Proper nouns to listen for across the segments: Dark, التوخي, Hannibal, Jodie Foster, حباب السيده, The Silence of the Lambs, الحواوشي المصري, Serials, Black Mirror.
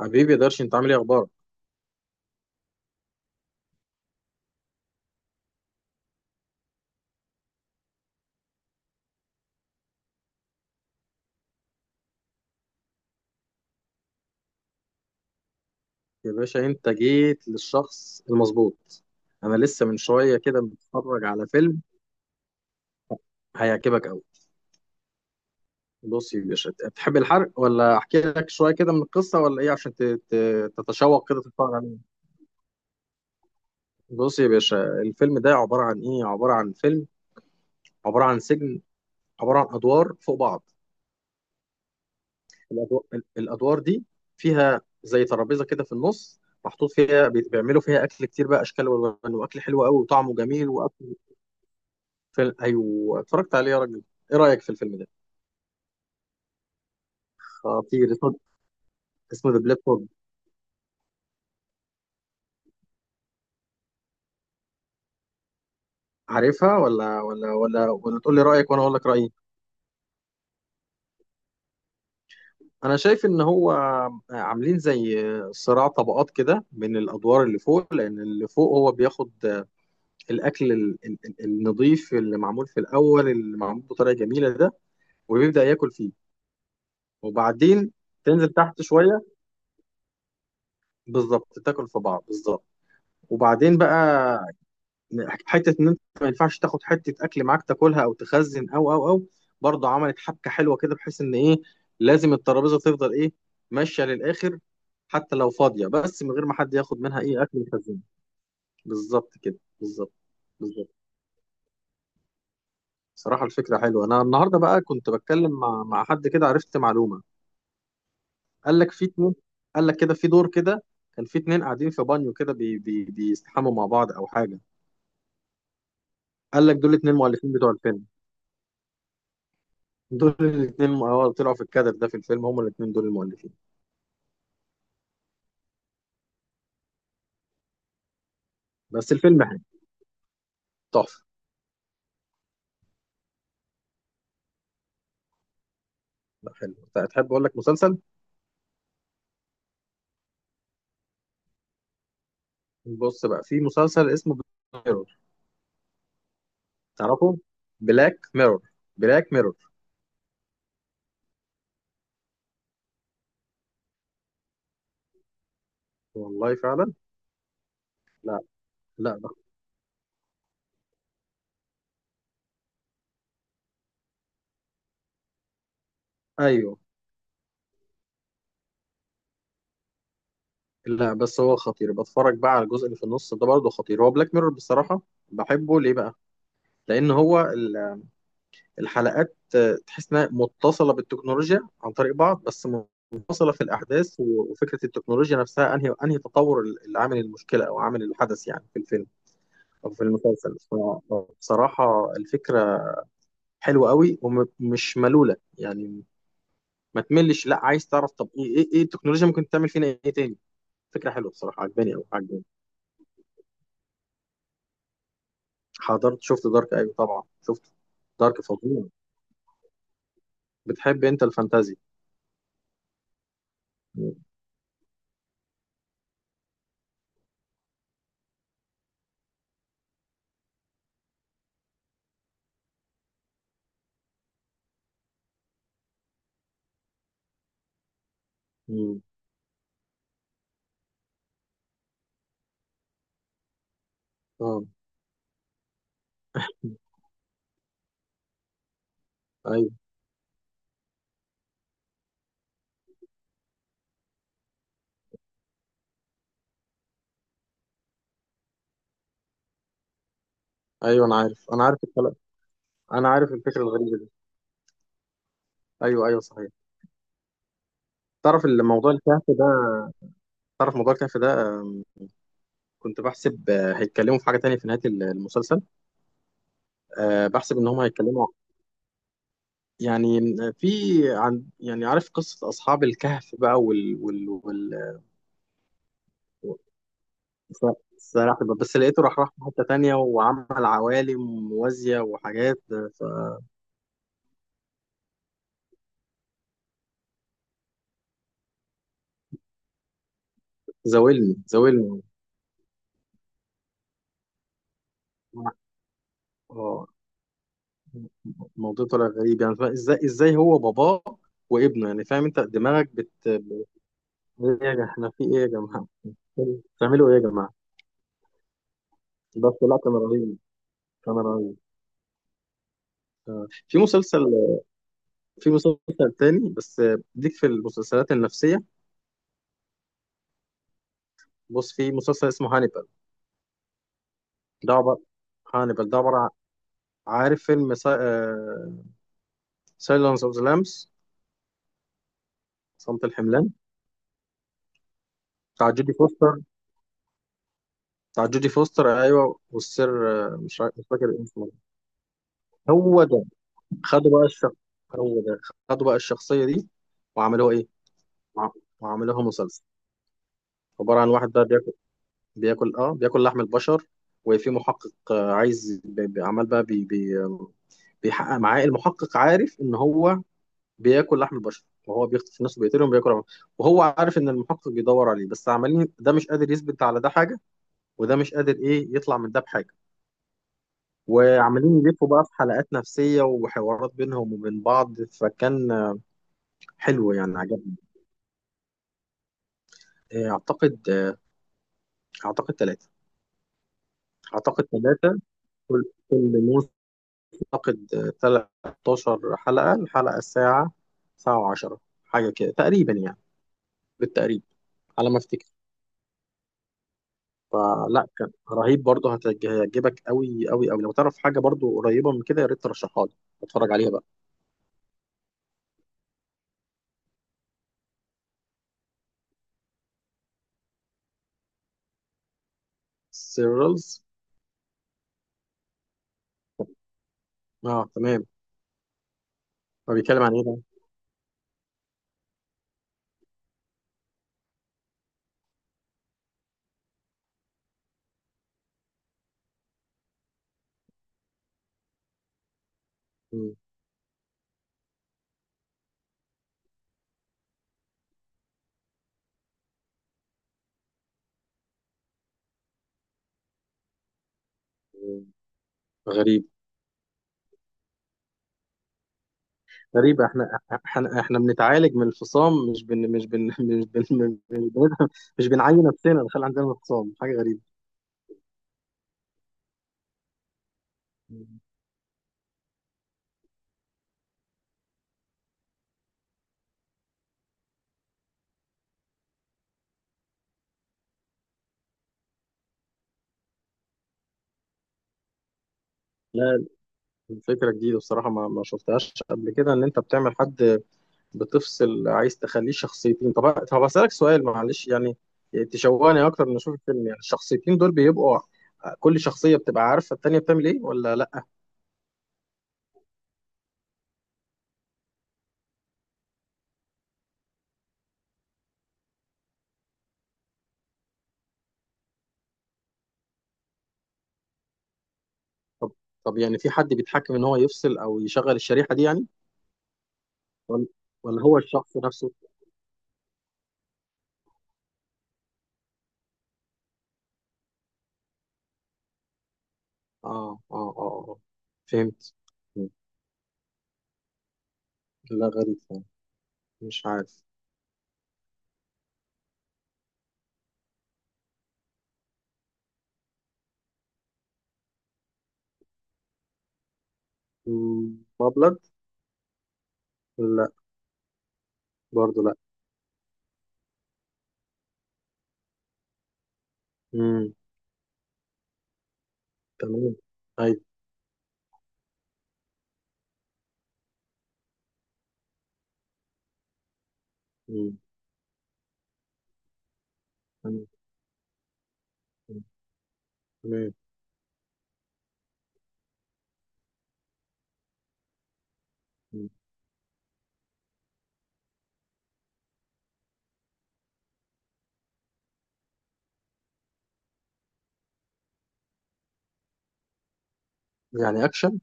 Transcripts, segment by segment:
حبيبي يا درش، انت عامل ايه؟ اخبارك؟ يا باشا انت جيت للشخص المظبوط. انا لسه من شويه كده متفرج على فيلم هيعجبك قوي. بص يا باشا، تحب الحرق ولا احكي لك شويه كده من القصه ولا ايه عشان تتشوق كده تتفرج عليه؟ بص يا باشا، الفيلم ده عباره عن ايه؟ عباره عن فيلم، عباره عن سجن، عباره عن ادوار فوق بعض. الادوار, الأدوار دي فيها زي ترابيزه كده في النص، محطوط فيها بيعملوا فيها اكل كتير بقى، اشكال والوان، واكل حلو قوي وطعمه جميل. فيلم، ايوه اتفرجت عليه يا راجل. ايه رايك في الفيلم ده؟ خطير اسمه. اسمه ذا بلاد بوب. عارفها ولا ولا؟ تقول لي رايك وانا اقول لك رايي. انا شايف ان هو عاملين زي صراع طبقات كده من الادوار اللي فوق، لان اللي فوق هو بياخد الاكل النظيف اللي معمول في الاول، اللي معمول بطريقه جميله ده، وبيبدا ياكل فيه. وبعدين تنزل تحت شويه، بالظبط تاكل في بعض بالظبط. وبعدين بقى، حته ان انت ما ينفعش تاخد حته اكل معاك تاكلها او تخزن او. برضه عملت حبكه حلوه كده، بحيث ان ايه؟ لازم الترابيزه تفضل ايه؟ ماشيه للاخر، حتى لو فاضيه، بس من غير ما حد ياخد منها ايه؟ اكل يخزنه. بالظبط كده بالظبط. بالظبط. صراحه الفكره حلوه. انا النهارده بقى كنت بتكلم مع حد كده، عرفت معلومه. قال لك في اتنين، قال لك كده في دور كده، كان في اتنين قاعدين في بانيو كده بي بي بيستحموا مع بعض او حاجه. قال لك دول اتنين مؤلفين بتوع الفيلم. دول الاثنين، اه، طلعوا في الكادر ده في الفيلم، هما الاثنين دول المؤلفين. بس الفيلم حلو. تحفه. لا، حلو. طيب، تحب اقول لك مسلسل؟ بص بقى، في مسلسل اسمه ميرور. تعرفه؟ بلاك ميرور. بلاك ميرور. والله فعلا. لا. لا. ايوه. لا بس هو خطير. بتفرج بقى على الجزء اللي في النص ده، برضه خطير هو بلاك ميرور بصراحه. بحبه ليه بقى؟ لان هو الحلقات تحس انها متصله بالتكنولوجيا عن طريق بعض بس، منفصله في الاحداث، وفكره التكنولوجيا نفسها انهي انهي تطور اللي عامل المشكله او عامل الحدث يعني في الفيلم او في المسلسل. بصراحه الفكره حلوه قوي ومش ملوله يعني، ما تملش، لا، عايز تعرف طب ايه ايه ايه التكنولوجيا ممكن تعمل فينا ايه تاني. فكره حلوه بصراحه، عجباني قوي، عجباني. حضرت، شفت دارك ايوه طبعا شفت. دارك فظيع. بتحب انت الفانتازي؟ مم. مم. اه، ايوه ايوه، انا عارف، انا عارف الكلام. انا عارف الفكره الغريبه دي. ايوه ايوه صحيح. تعرف الموضوع الكهف ده، تعرف موضوع الكهف ده؟ كنت بحسب هيتكلموا في حاجه تانية في نهايه المسلسل. بحسب ان هم هيتكلموا يعني في، عن يعني، عارف قصه اصحاب الكهف بقى وال وال وال سلاحف، بس لقيته راح في حته تانية وعمل عوالم موازيه وحاجات فزاولني زاولني. اه، الموضوع طلع غريب يعني. ازاي ازاي هو باباه وابنه يعني؟ فاهم انت دماغك بت- ايه يا جماعه؟ احنا في ايه يا جماعه؟ بتعملوا ايه يا جماعه؟ بس لا، كان رهيب. كان رهيب. في مسلسل، في مسلسل تاني بس، ديك في المسلسلات النفسيه. بص، في مسلسل اسمه هانيبال. ده عباره، هانيبال ده عارف فيلم سايلنس اوف ذا لامبس، صمت الحملان، بتاع جودي فوستر؟ بتاع جودي فوستر، ايوه، والسر مش فاكر اسمه. هو ده. خدوا بقى الشخص. هو ده. خدوا بقى الشخصية دي وعملوها ايه؟ وع- وعملوها مسلسل. عبارة عن واحد بقى بياكل، بياكل، اه، بياكل لحم البشر. وفي محقق عايز عمال بقى بي بي آم، بيحقق معاه. المحقق عارف ان هو بياكل لحم البشر، وهو بيخطف الناس وبيقتلهم بياكل. وهو عارف ان المحقق بيدور عليه، بس عمالين، ده مش قادر يثبت على ده حاجة، وده مش قادر ايه، يطلع من ده بحاجة. وعمالين يلفوا بقى في حلقات نفسية وحوارات بينهم وبين بعض. فكان حلو يعني، عجبني. آه، اعتقد آه، اعتقد ثلاثة. اعتقد ثلاثة. كل موسم اعتقد 13 حلقة، الحلقة الساعة، ساعة و10 حاجة كده تقريبا يعني، بالتقريب، على ما افتكر. فلا، كان رهيب برضه. هيعجبك قوي قوي قوي. لو تعرف حاجة برضه قريبة من كده يا ريت ترشحها لي، اتفرج عليها بقى. سيرلز. اه، تمام. هو بيتكلم عن ايه ده؟ مم. مم. غريب. غريب. احنا، احنا، احنا بنتعالج من الفصام، مش بن بن مش بنعين نفسنا نخلي عندنا انفصام، حاجه غريبه. لا، الفكره جديده بصراحه، ما شفتهاش قبل كده، ان انت بتعمل حد بتفصل، عايز تخليه شخصيتين. طب اسالك سؤال، معلش يعني، تشوقني اكتر من اشوف الفيلم. يعني الشخصيتين دول بيبقوا كل شخصيه بتبقى عارفه التانيه بتعمل ايه ولا لا؟ طب طب يعني في حد بيتحكم ان هو يفصل او يشغل الشريحه دي يعني، ولا هو الشخص نفسه؟ اه. آه. فهمت. مم. لا، غريب فعلا. مش عارف. مم. مبلغ. لا. برضو لا. مم. تمام. ايوه. مم. تمام. مم. تمام. مم. يعني اكشن؟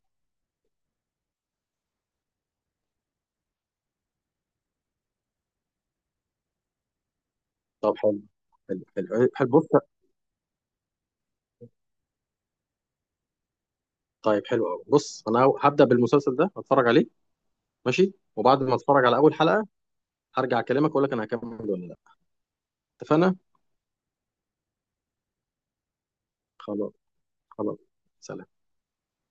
طب حلو. حلو حلو حلو. بص، طيب حلو قوي. بص انا هبدا بالمسلسل ده، هتفرج عليه ماشي، وبعد ما اتفرج على اول حلقه هرجع اكلمك اقول لك انا هكمل ولا لا. اتفقنا. خلاص خلاص. سلام.